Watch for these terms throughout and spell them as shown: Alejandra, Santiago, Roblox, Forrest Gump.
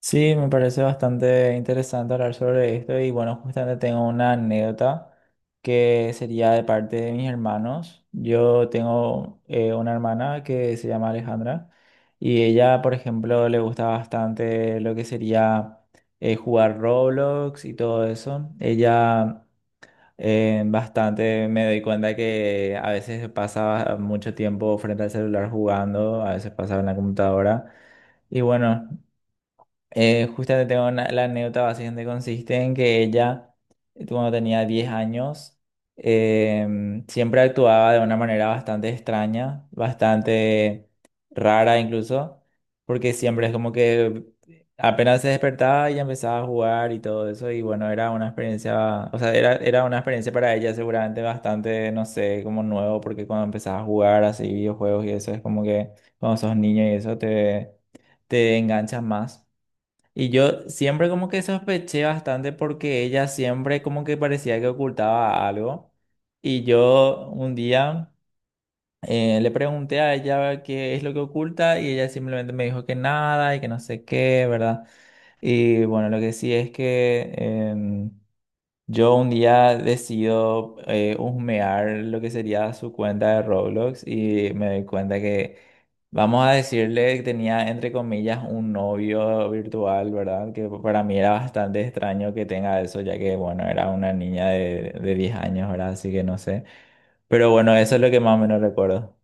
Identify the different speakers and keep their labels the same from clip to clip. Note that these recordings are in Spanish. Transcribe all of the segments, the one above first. Speaker 1: Sí, me parece bastante interesante hablar sobre esto y bueno, justamente tengo una anécdota que sería de parte de mis hermanos. Yo tengo una hermana que se llama Alejandra y ella, por ejemplo, le gusta bastante lo que sería jugar Roblox y todo eso. Ella Bastante me doy cuenta que a veces pasa mucho tiempo frente al celular jugando, a veces pasa en la computadora. Y bueno, justamente la anécdota básicamente consiste en que ella, cuando tenía 10 años, siempre actuaba de una manera bastante extraña, bastante rara incluso, porque siempre es como que apenas se despertaba y empezaba a jugar y todo eso, y bueno, era una experiencia, o sea, era una experiencia para ella seguramente bastante, no sé, como nuevo, porque cuando empezaba a jugar así videojuegos y eso, es como que cuando sos niño y eso te enganchas más. Y yo siempre como que sospeché bastante porque ella siempre como que parecía que ocultaba algo. Y yo un día le pregunté a ella qué es lo que oculta y ella simplemente me dijo que nada y que no sé qué, ¿verdad? Y bueno, lo que sí es que yo un día decido husmear lo que sería su cuenta de Roblox y me doy cuenta que, vamos a decirle que tenía entre comillas un novio virtual, ¿verdad? Que para mí era bastante extraño que tenga eso, ya que, bueno, era una niña de 10 años, ¿verdad? Así que no sé. Pero bueno, eso es lo que más o menos recuerdo.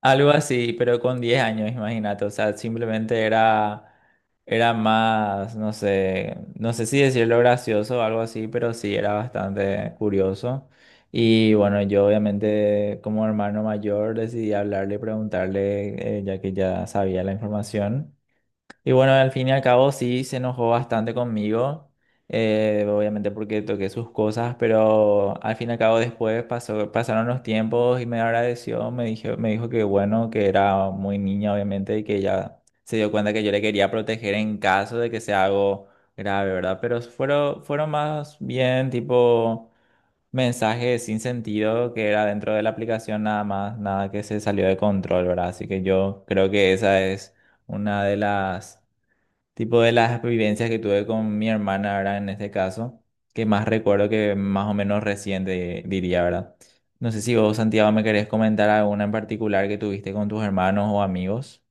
Speaker 1: Algo así, pero con 10 años, imagínate. O sea, simplemente era, era más, no sé, no sé si decirlo gracioso o algo así, pero sí era bastante curioso. Y bueno, yo obviamente como hermano mayor decidí hablarle, y preguntarle, ya que ya sabía la información. Y bueno, al fin y al cabo sí se enojó bastante conmigo, obviamente porque toqué sus cosas, pero al fin y al cabo después pasaron los tiempos y me agradeció, me dijo que bueno, que era muy niña obviamente y que ella se dio cuenta que yo le quería proteger en caso de que sea algo grave, ¿verdad? Pero fueron más bien tipo mensajes sin sentido que era dentro de la aplicación nada más, nada que se salió de control, ¿verdad? Así que yo creo que esa es una de las tipo de las vivencias que tuve con mi hermana, ¿verdad? En este caso, que más recuerdo que más o menos reciente diría, ¿verdad? No sé si vos, Santiago, me querés comentar alguna en particular que tuviste con tus hermanos o amigos.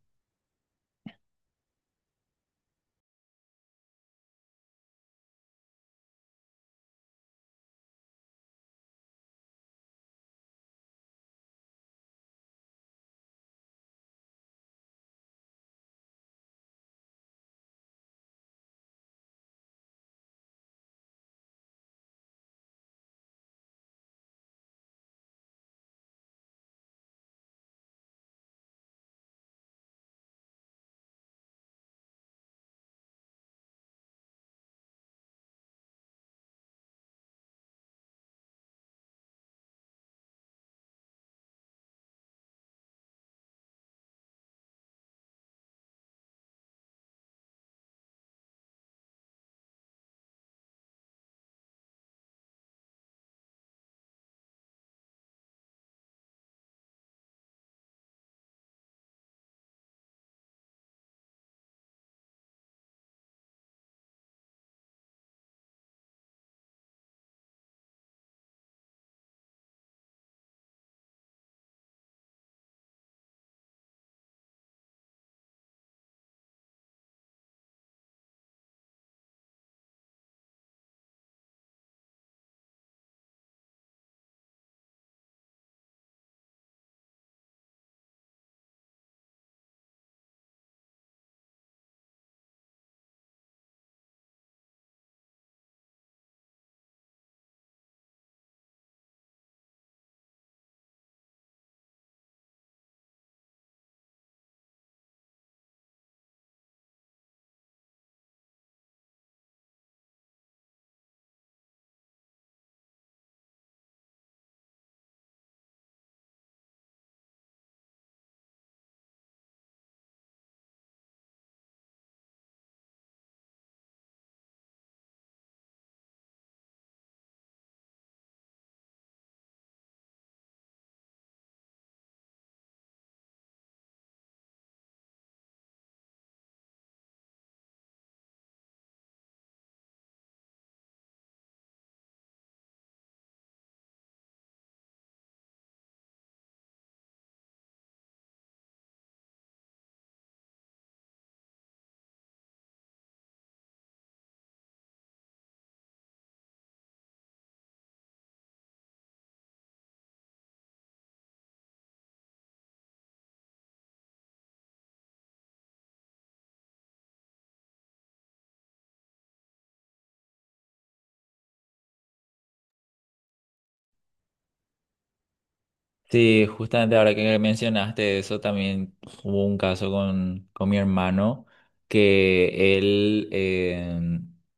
Speaker 1: Sí, justamente ahora que mencionaste eso, también hubo un caso con mi hermano que él,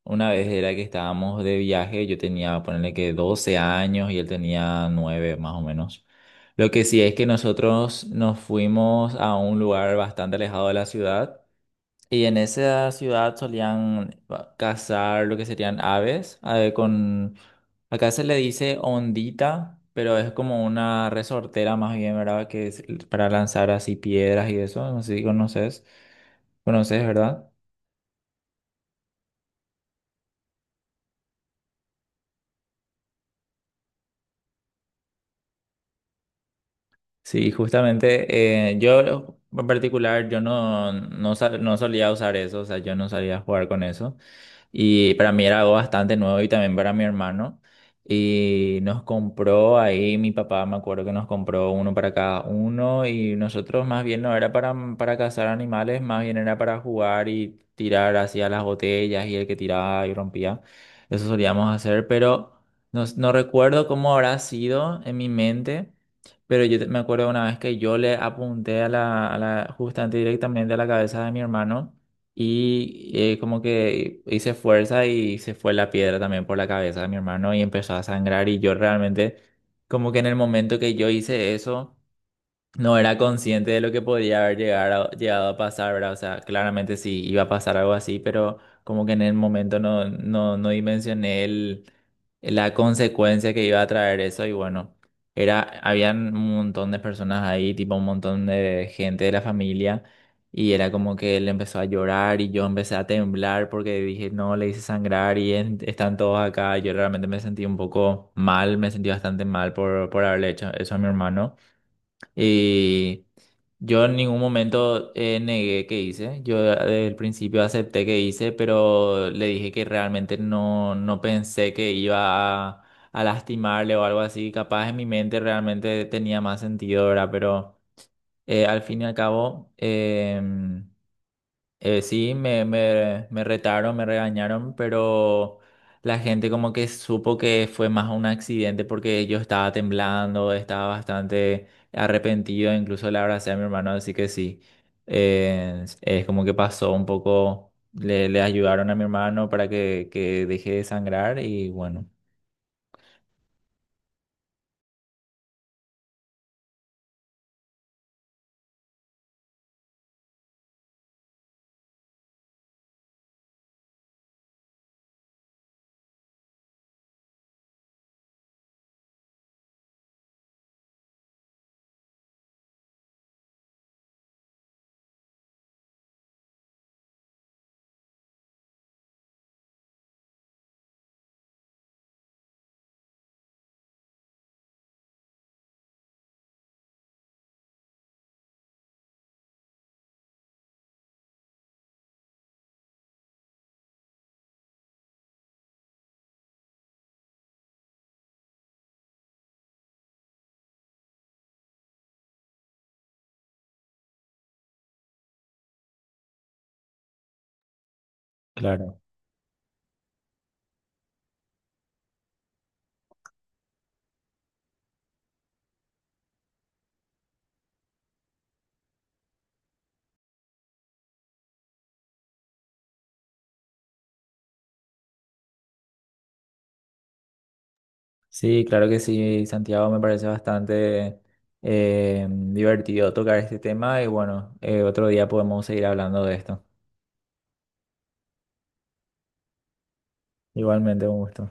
Speaker 1: una vez era que estábamos de viaje, yo tenía, ponerle que 12 años y él tenía 9 más o menos. Lo que sí es que nosotros nos fuimos a un lugar bastante alejado de la ciudad y en esa ciudad solían cazar lo que serían aves, a con... Acá se le dice ondita, pero es como una resortera más bien, ¿verdad? Que es para lanzar así piedras y eso, no sé si conoces, conoces, ¿verdad? Sí, justamente, yo en particular, yo no, no, sa- no solía usar eso, o sea, yo no solía jugar con eso. Y para mí era algo bastante nuevo y también para mi hermano. Y nos compró ahí, mi papá me acuerdo que nos compró uno para cada uno y nosotros más bien no era para, para cazar animales, más bien era para jugar y tirar hacia las botellas y el que tiraba y rompía. Eso solíamos hacer, pero no recuerdo cómo habrá sido en mi mente. Pero me acuerdo una vez que yo le apunté a la justamente directamente a la cabeza de mi hermano y como que hice fuerza y se fue la piedra también por la cabeza de mi hermano y empezó a sangrar y yo realmente como que en el momento que yo hice eso no era consciente de lo que podría haber llegar a- llegado a pasar, ¿verdad? O sea, claramente sí iba a pasar algo así, pero como que en el momento no dimensioné la consecuencia que iba a traer eso y bueno, era, habían un montón de personas ahí, tipo un montón de gente de la familia y era como que él empezó a llorar y yo empecé a temblar porque dije, no, le hice sangrar y están todos acá. Yo realmente me sentí un poco mal, me sentí bastante mal por haberle hecho eso a mi hermano. Y yo en ningún momento negué que hice. Yo desde el principio acepté que hice, pero le dije que realmente no pensé que iba a lastimarle o algo así. Capaz en mi mente realmente tenía más sentido, ¿verdad? Pero al fin y al cabo. Sí, me retaron, me regañaron, pero la gente como que supo que fue más un accidente porque yo estaba temblando, estaba bastante arrepentido, incluso le abracé a mi hermano, así que sí, es como que pasó un poco, le ayudaron a mi hermano para que deje de sangrar y bueno, claro. Sí, claro que sí, Santiago, me parece bastante divertido tocar este tema y bueno, otro día podemos seguir hablando de esto. Igualmente, un gusto.